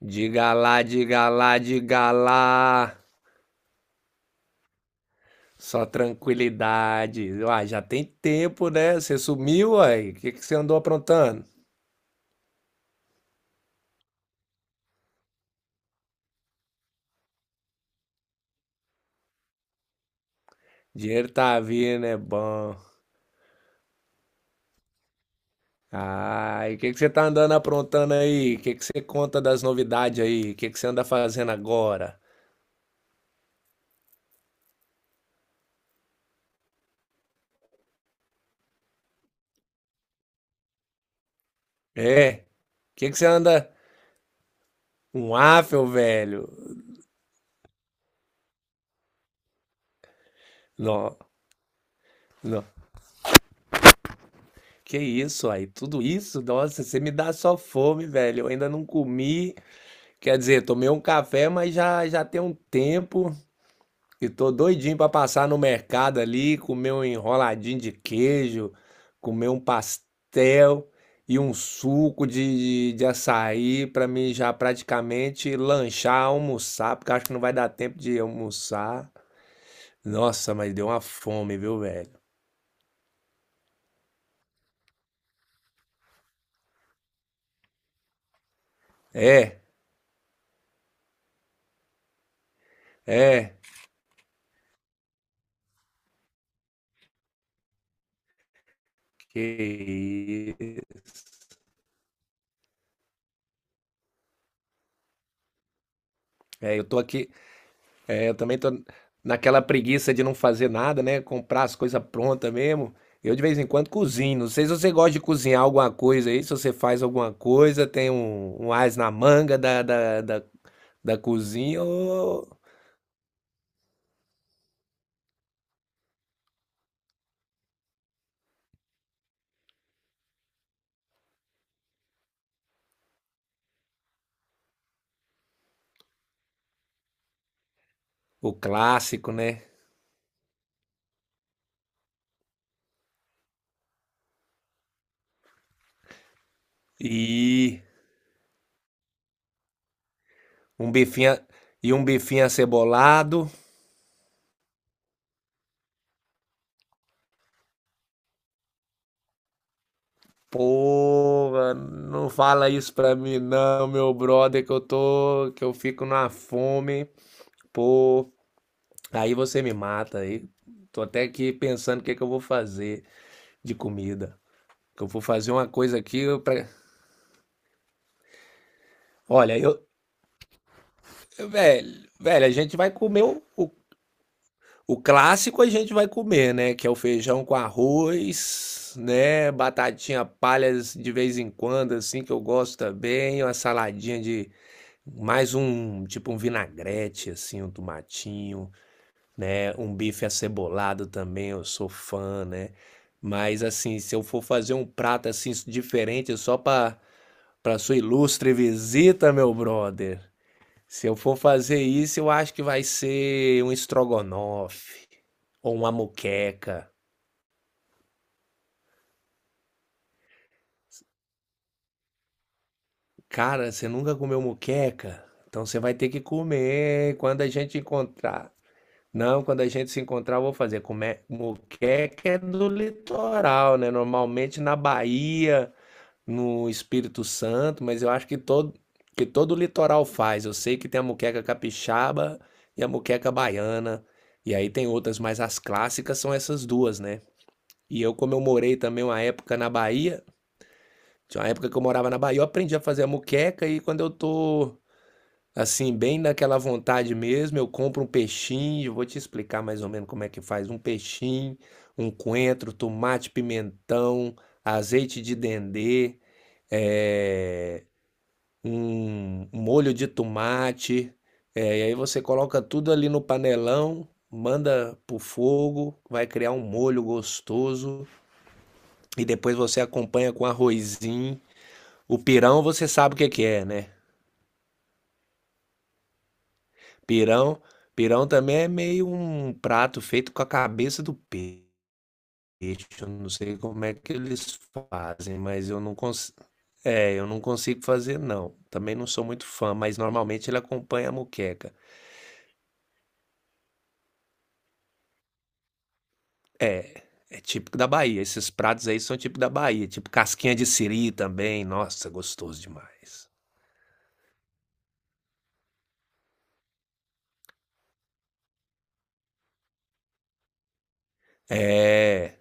Diga lá, diga lá, diga lá. Só tranquilidade. Uai, já tem tempo, né? Você sumiu, uai. O que que você andou aprontando? Dinheiro tá vindo, é bom. Ai, o que que você tá andando aprontando aí? O que que você conta das novidades aí? O que que você anda fazendo agora? É? O que que você anda... Um afel, velho. Não, não. Que isso aí? Tudo isso? Nossa, você me dá só fome, velho. Eu ainda não comi. Quer dizer, tomei um café, mas já tem um tempo e tô doidinho pra passar no mercado ali, comer um enroladinho de queijo, comer um pastel e um suco de açaí pra mim já praticamente lanchar, almoçar, porque eu acho que não vai dar tempo de almoçar. Nossa, mas deu uma fome, viu, velho? É, é, que isso. É, eu tô aqui. É, eu também tô naquela preguiça de não fazer nada, né? Comprar as coisas prontas mesmo. Eu de vez em quando cozinho. Não sei se você gosta de cozinhar alguma coisa aí, se você faz alguma coisa, tem um, um as na manga da cozinha, ou o clássico, né? E um bifinha e um bifinho acebolado. Pô, não fala isso pra mim não, meu brother, que eu tô, que eu fico na fome. Pô, aí você me mata. Aí tô até aqui pensando o que que eu vou fazer de comida. Que eu vou fazer uma coisa aqui pra... Olha, velho, velho, a gente vai comer o clássico, a gente vai comer, né? Que é o feijão com arroz, né? Batatinha palhas de vez em quando, assim, que eu gosto também. Uma saladinha de mais um, tipo um vinagrete, assim, um tomatinho. Né? Um bife acebolado também, eu sou fã, né? Mas assim, se eu for fazer um prato assim diferente só para sua ilustre visita, meu brother. Se eu for fazer isso, eu acho que vai ser um estrogonofe ou uma moqueca. Cara, você nunca comeu moqueca? Então você vai ter que comer quando a gente encontrar. Não, quando a gente se encontrar, eu vou fazer. Come... Moqueca é do litoral, né? Normalmente na Bahia, no Espírito Santo, mas eu acho que todo o litoral faz. Eu sei que tem a moqueca capixaba e a moqueca baiana, e aí tem outras, mas as clássicas são essas duas, né? E eu, como eu morei também uma época na Bahia, tinha uma época que eu morava na Bahia, eu aprendi a fazer a moqueca e quando eu tô assim, bem naquela vontade mesmo, eu compro um peixinho, eu vou te explicar mais ou menos como é que faz, um peixinho, um coentro, tomate, pimentão, azeite de dendê, é, um molho de tomate, é, e aí você coloca tudo ali no panelão, manda pro fogo, vai criar um molho gostoso e depois você acompanha com arrozinho. O pirão você sabe o que que é, né? Pirão, pirão também é meio um prato feito com a cabeça do peixe. Eu não sei como é que eles fazem, mas eu não consigo. É, eu não consigo fazer, não. Também não sou muito fã, mas normalmente ele acompanha a moqueca. É, é típico da Bahia, esses pratos aí são típico da Bahia, tipo casquinha de siri também, nossa, gostoso demais. É,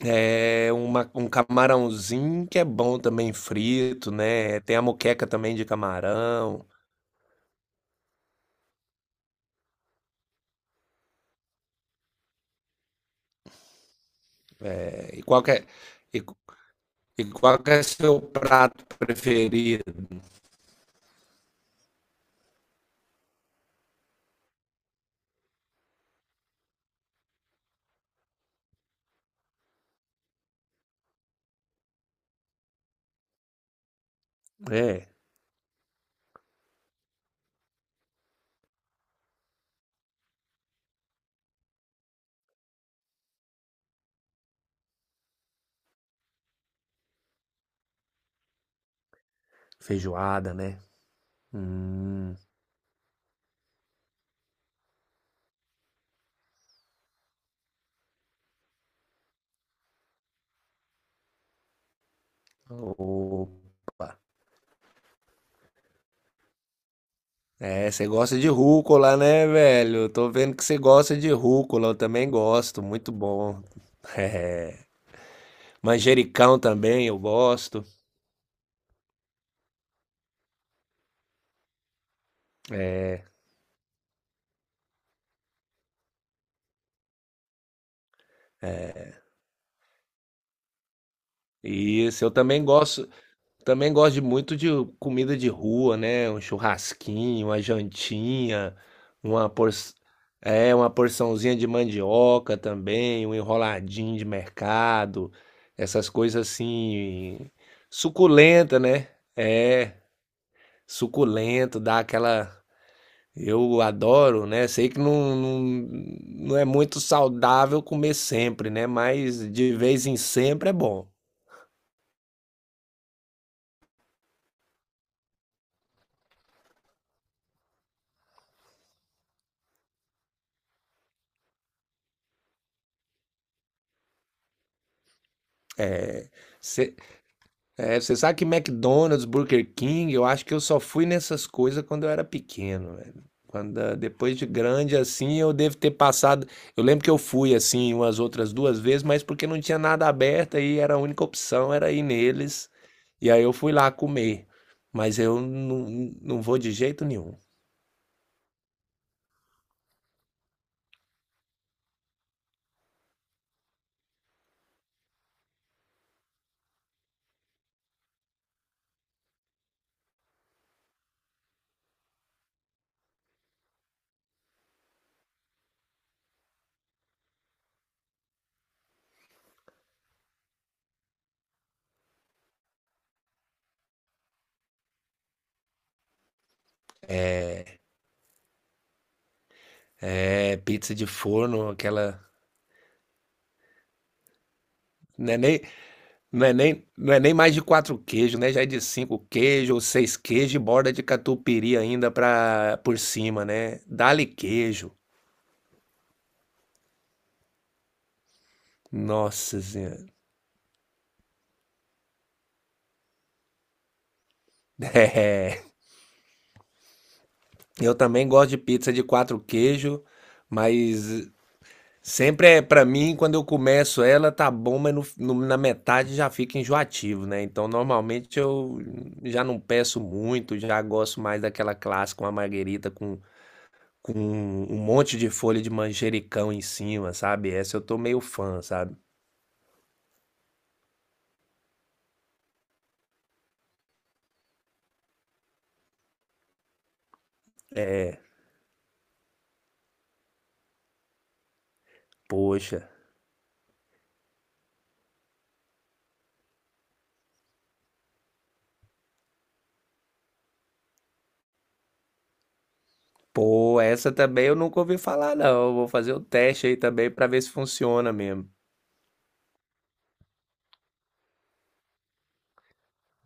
é uma, um camarãozinho que é bom também frito, né? Tem a moqueca também de camarão. É, e qual que é, e, e qual que é seu prato preferido? É, feijoada, né? Hum, opa. É, você gosta de rúcula, né, velho? Tô vendo que você gosta de rúcula, eu também gosto, muito bom. Manjericão também eu gosto. É, isso, eu também gosto de muito de comida de rua, né? Um churrasquinho, uma jantinha, uma por... É, uma porçãozinha de mandioca também, um enroladinho de mercado, essas coisas assim, suculenta, né? É, suculento, dá aquela eu adoro, né? Sei que não, não é muito saudável comer sempre, né? Mas de vez em sempre é bom. Você é, sabe que McDonald's, Burger King, eu acho que eu só fui nessas coisas quando eu era pequeno, velho. Quando, ah, depois de grande, assim, eu devo ter passado. Eu lembro que eu fui, assim, umas outras duas vezes, mas porque não tinha nada aberto e era a única opção, era ir neles. E aí eu fui lá comer. Mas eu não, não vou de jeito nenhum. É pizza de forno, aquela. Não é nem, não é nem, não é nem mais de quatro queijos, né? Já é de cinco queijos ou seis queijos e borda de catupiry ainda pra, por cima, né? Dá-lhe queijo. Nossa Senhora. É. Eu também gosto de pizza de quatro queijos, mas sempre é pra mim, quando eu começo ela, tá bom, mas na metade já fica enjoativo, né? Então normalmente eu já não peço muito, já gosto mais daquela clássica, uma marguerita com um monte de folha de manjericão em cima, sabe? Essa eu tô meio fã, sabe? Poxa. Pô, essa também eu nunca ouvi falar, não. Eu vou fazer o teste aí também pra ver se funciona mesmo.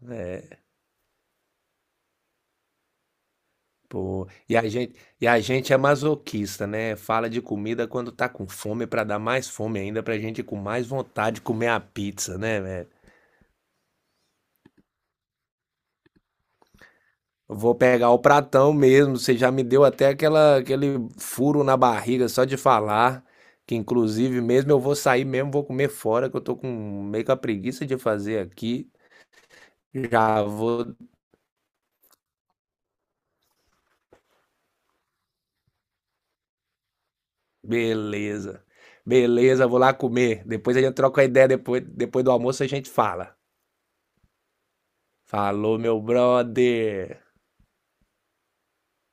É, pô. E a gente, a gente é masoquista, né? Fala de comida quando tá com fome pra dar mais fome ainda, pra gente ir com mais vontade de comer a pizza, né, velho? Vou pegar o pratão mesmo. Você já me deu até aquela, aquele furo na barriga só de falar. Que inclusive mesmo eu vou sair mesmo, vou comer fora, que eu tô com meio com a preguiça de fazer aqui. Já vou. Beleza. Beleza, vou lá comer. Depois a gente troca a ideia, depois do almoço a gente fala. Falou, meu brother.